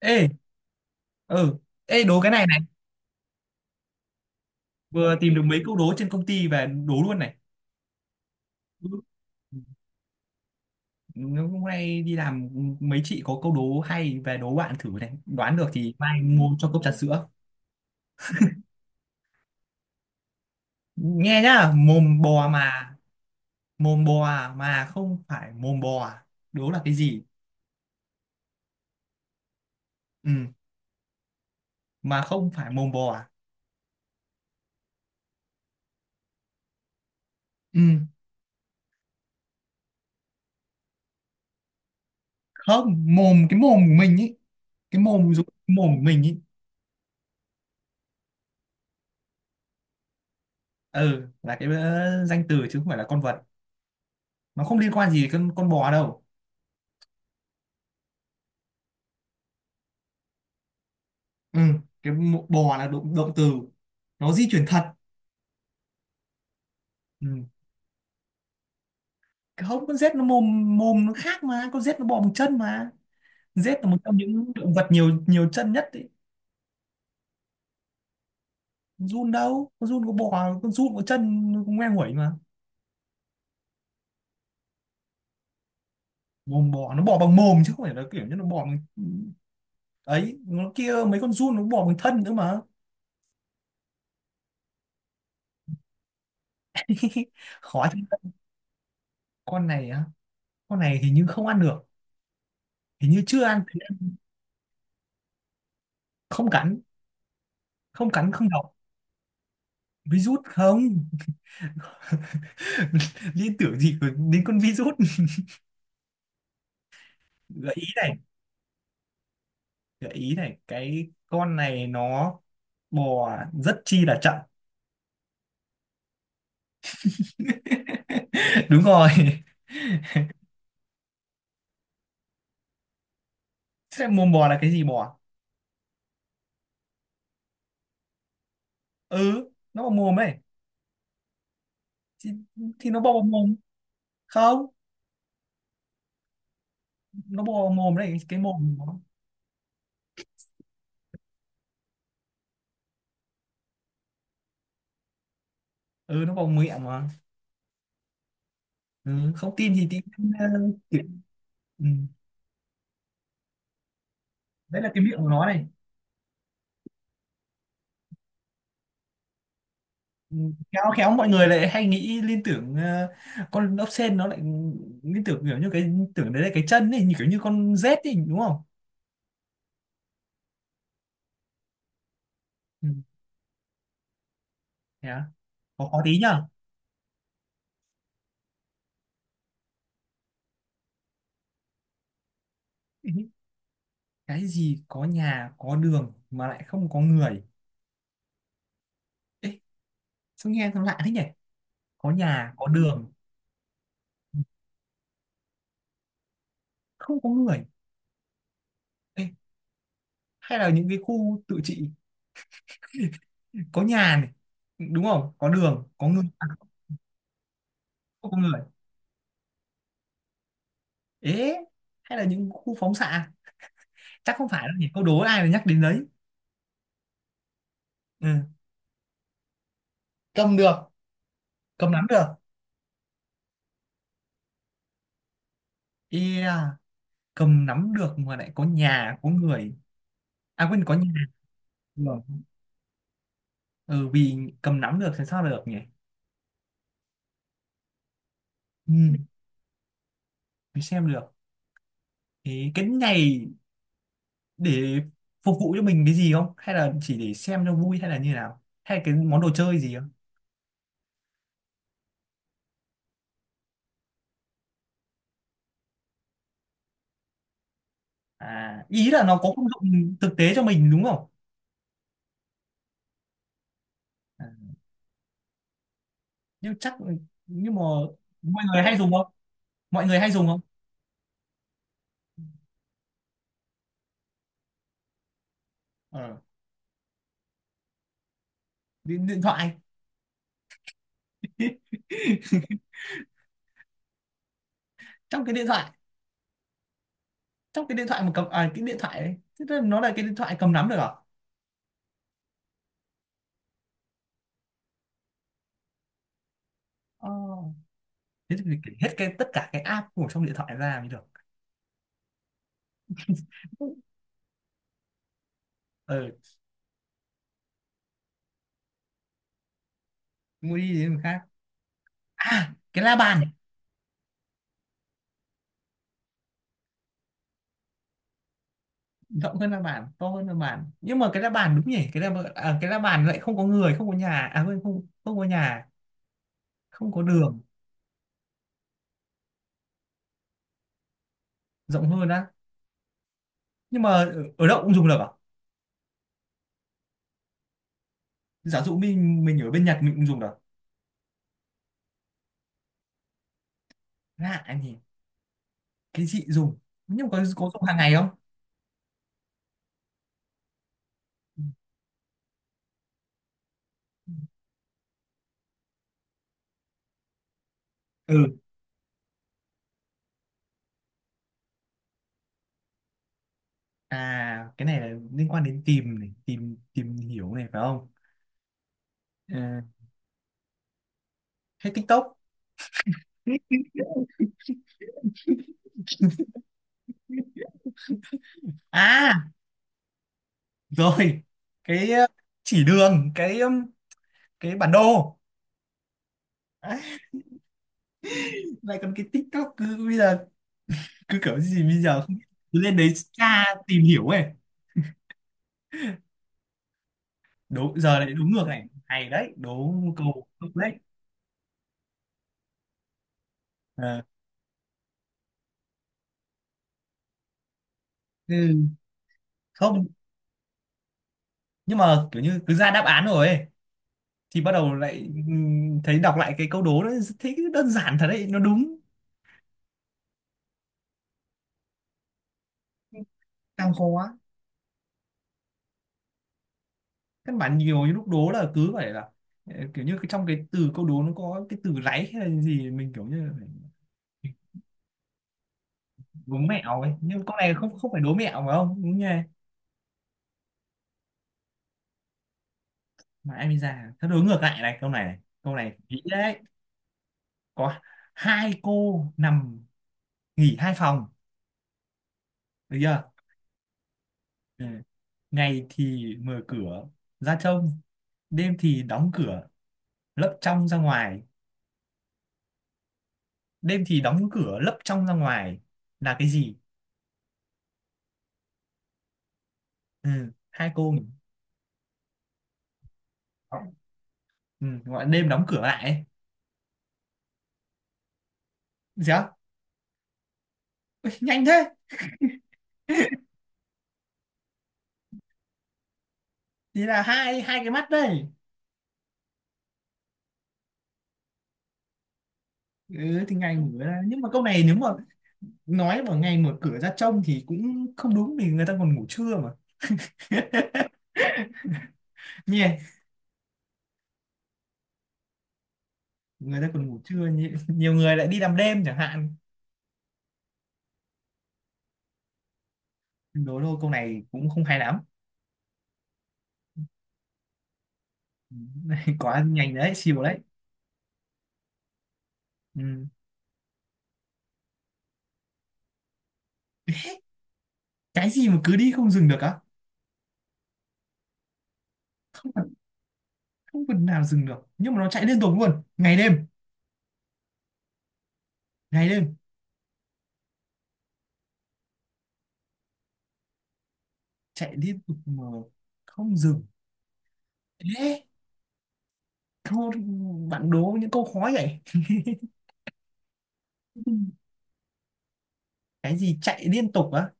Ê, ừ, ê đố cái này này, vừa tìm được mấy câu đố trên công ty về đố luôn này. Ừ. Hôm nay đi làm mấy chị có câu đố hay về đố bạn thử này, đoán được thì mai mua cho cốc trà sữa. Nghe nhá, mồm bò mà, mồm bò à, mà không phải mồm bò, à. Đố là cái gì? Ừ, mà không phải mồm bò. À. Ừ, không, mồm cái mồm của mình ý, cái mồm dùng mồm của mình ý. Ừ, là cái danh từ chứ không phải là con vật. Nó không liên quan gì đến con bò đâu. Ừ, bò là động từ, nó di chuyển thật. Ừ. Không, con rết nó mồm mồm nó khác mà, con rết nó bò bằng chân mà. Rết là một trong những động vật nhiều nhiều chân nhất ấy. Giun đâu, con giun có bò, con giun có chân, nó cũng ngoe nguẩy mà. Mồm bò nó bò bằng mồm chứ không phải là kiểu như nó bò bằng ừ, Ấy nó kia, mấy con giun nó bò bằng thân nữa mà. Khó chứ. Con này á, con này hình như không ăn được, hình như chưa ăn. Không cắn, không cắn không độc. Virus không? Liên tưởng gì đến con virus. Gợi ý này, cái con này nó bò rất chi là chậm. Đúng rồi. Thế mồm bò là cái gì bò? Ừ, nó bò mồm ấy. Thì, thì nó bò vào mồm. Không, nó bò vào mồm đấy, cái mồm của nó. Ừ, nó bò miệng mà. Ừ, không tin thì tin. Ừ. Đấy là cái miệng của nó này. Ừ, khéo khéo mọi người lại hay nghĩ liên tưởng, con ốc sên nó lại liên tưởng kiểu như cái, tưởng đấy là cái chân ấy như kiểu như con rết ấy, đúng không. Ừ. Thế à? Khó khó tí nhở. Ừ. Cái gì có nhà có đường mà lại không có người? Ê, sao nghe nó lạ thế nhỉ, có nhà có đường, không có người. Ê, hay là những cái khu tự trị, có nhà này, đúng không, có đường, có người à, không có người. Ế, hay là những khu phóng xạ? Chắc không phải đâu nhỉ, câu đố ai mà nhắc đến đấy. Ừ. Cầm được, cầm nắm được. Yeah, cầm nắm được mà lại có nhà có người, à quên, có nhà, được. Ừ, vì cầm nắm được thì sao được nhỉ. Ừ, mình xem được. Thế cái này để phục vụ cho mình cái gì không, hay là chỉ để xem cho vui, hay là như nào, hay là cái món đồ chơi gì không? À, ý là nó có công dụng thực tế cho mình đúng không. À, nhưng chắc, nhưng mà mọi người hay dùng không, mọi người hay dùng không? ờ, điện thoại. Trong cái điện thoại, trong cái điện thoại mà cầm à, cái điện thoại đấy, thế là nó là cái điện thoại cầm nắm được à. Oh. Thế thì mình kể hết cái tất cả cái app của trong điện thoại ra mới được. ờ mua đi đến người khác. À, cái la bàn. Rộng hơn la bàn, to hơn la bàn, nhưng mà cái la bàn đúng nhỉ, cái la bàn, à, cái la bàn lại không có người, không có nhà, à quên, không, không có nhà, không có đường. Rộng hơn á? Nhưng mà ở đâu cũng dùng được à? Giả dụ mình ở bên Nhật mình cũng dùng được. Lạ nhỉ, cái gì dùng, nhưng mà có dùng hàng ngày không? Ừ. Ừ. À, cái này là liên quan đến tìm này, tìm tìm hiểu này phải không? Ờ, hay TikTok? À, rồi. Cái chỉ đường, cái bản đồ. À, lại còn cái TikTok cứ bây giờ cứ kiểu gì bây giờ không biết. Cứ lên đấy tra tìm hiểu ấy. Đúng giờ lại đúng ngược này. Hay đấy, đố câu ngược đấy. Ờ, ừ. Không, nhưng mà kiểu như cứ ra đáp án rồi ấy, thì bắt đầu lại. Thấy đọc lại cái câu đố nó thấy đơn giản thật đấy, nó đúng. Càng khó, các bạn nhiều những lúc đố là cứ phải là, kiểu như cái trong cái từ câu đố nó có cái từ ráy hay là gì, mình kiểu như phải. Đố mẹo ấy, nhưng con này không không phải đố mẹo phải không, đúng nhỉ. Mà em đi ra thật đối ngược lại này, câu này này câu này kỹ đấy. Có hai cô nằm nghỉ hai phòng, được chưa. Ừ. Ngày thì mở cửa ra trông, đêm thì đóng cửa lấp trong ra ngoài, đêm thì đóng cửa lấp trong ra ngoài, là cái gì? Ừ. Hai cô nghỉ. Ừ, gọi là đêm đóng cửa lại ấy. Dạ. Ui, nhanh thế. Thì là hai hai cái mắt đây. Ừ, thì ngày mở ra, nhưng mà câu này nếu mà nói vào ngày mở cửa ra trông thì cũng không đúng vì người ta còn ngủ trưa mà, nhỉ. Người ta còn ngủ trưa, nhiều người lại đi làm đêm chẳng hạn. Đố thôi, câu này cũng không hay lắm. Ừ, quá nhanh đấy, siêu đấy. Ừ. Cái gì mà cứ đi không dừng được á? không phần- Không phần nào dừng được, nhưng mà nó chạy liên tục luôn ngày đêm. Ngày đêm, chạy liên tục mà không dừng. Ê, thôi, bạn đố những câu khó vậy. Cái gì chạy liên tục á?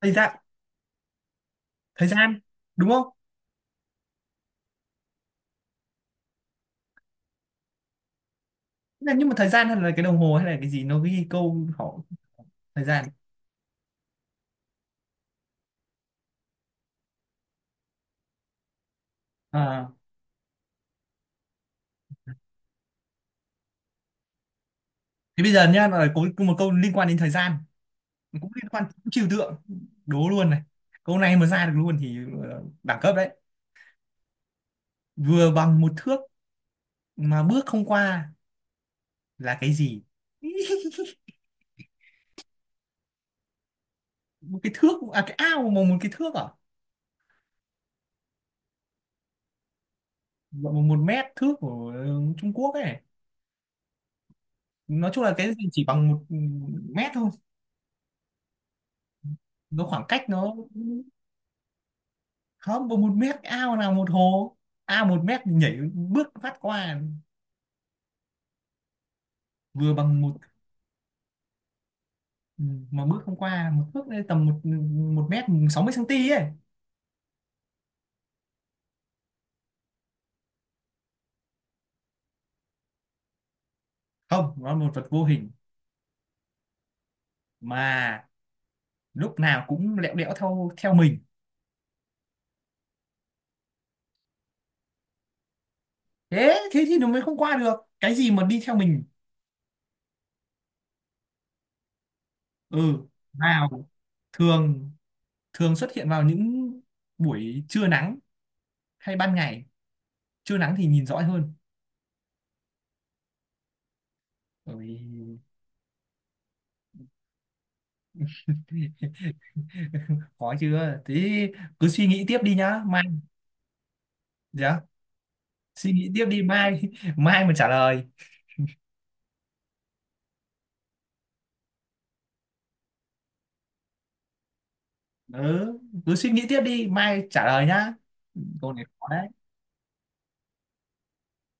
Thời gian. Thời gian, đúng không? Thế là, nhưng mà thời gian hay là cái đồng hồ hay là cái gì nó ghi câu họ. Thời gian. À, thế bây giờ nhá là có một câu liên quan đến thời gian, cũng liên quan đến trừu tượng, đố luôn này. Câu này mà ra được luôn thì đẳng cấp đấy. Vừa bằng một thước mà bước không qua, là cái gì? Một cái thước à, cái ao mà một cái thước à. Một một mét thước của Trung Quốc ấy. Nói chung là cái gì chỉ bằng một mét thôi. Nó khoảng cách nó không bằng một mét, ao nào một hồ ao một mét thì nhảy bước phát qua. Vừa bằng một mà bước không qua, một bước lên tầm một một mét 60 cm ấy. Không, nó là một vật vô hình mà lúc nào cũng lẹo đẽo theo theo mình. Thế thế thì nó mới không qua được. Cái gì mà đi theo mình? Ừ. Nào, thường, thường xuất hiện vào những buổi trưa nắng hay ban ngày, trưa nắng thì nhìn rõ hơn. Ôi, khó chưa thế, cứ suy nghĩ tiếp đi nhá mai. Dạ. Suy nghĩ tiếp đi mai, mai mà trả lời. Ừ, cứ suy nghĩ tiếp đi mai trả lời nhá. Câu này khó đấy.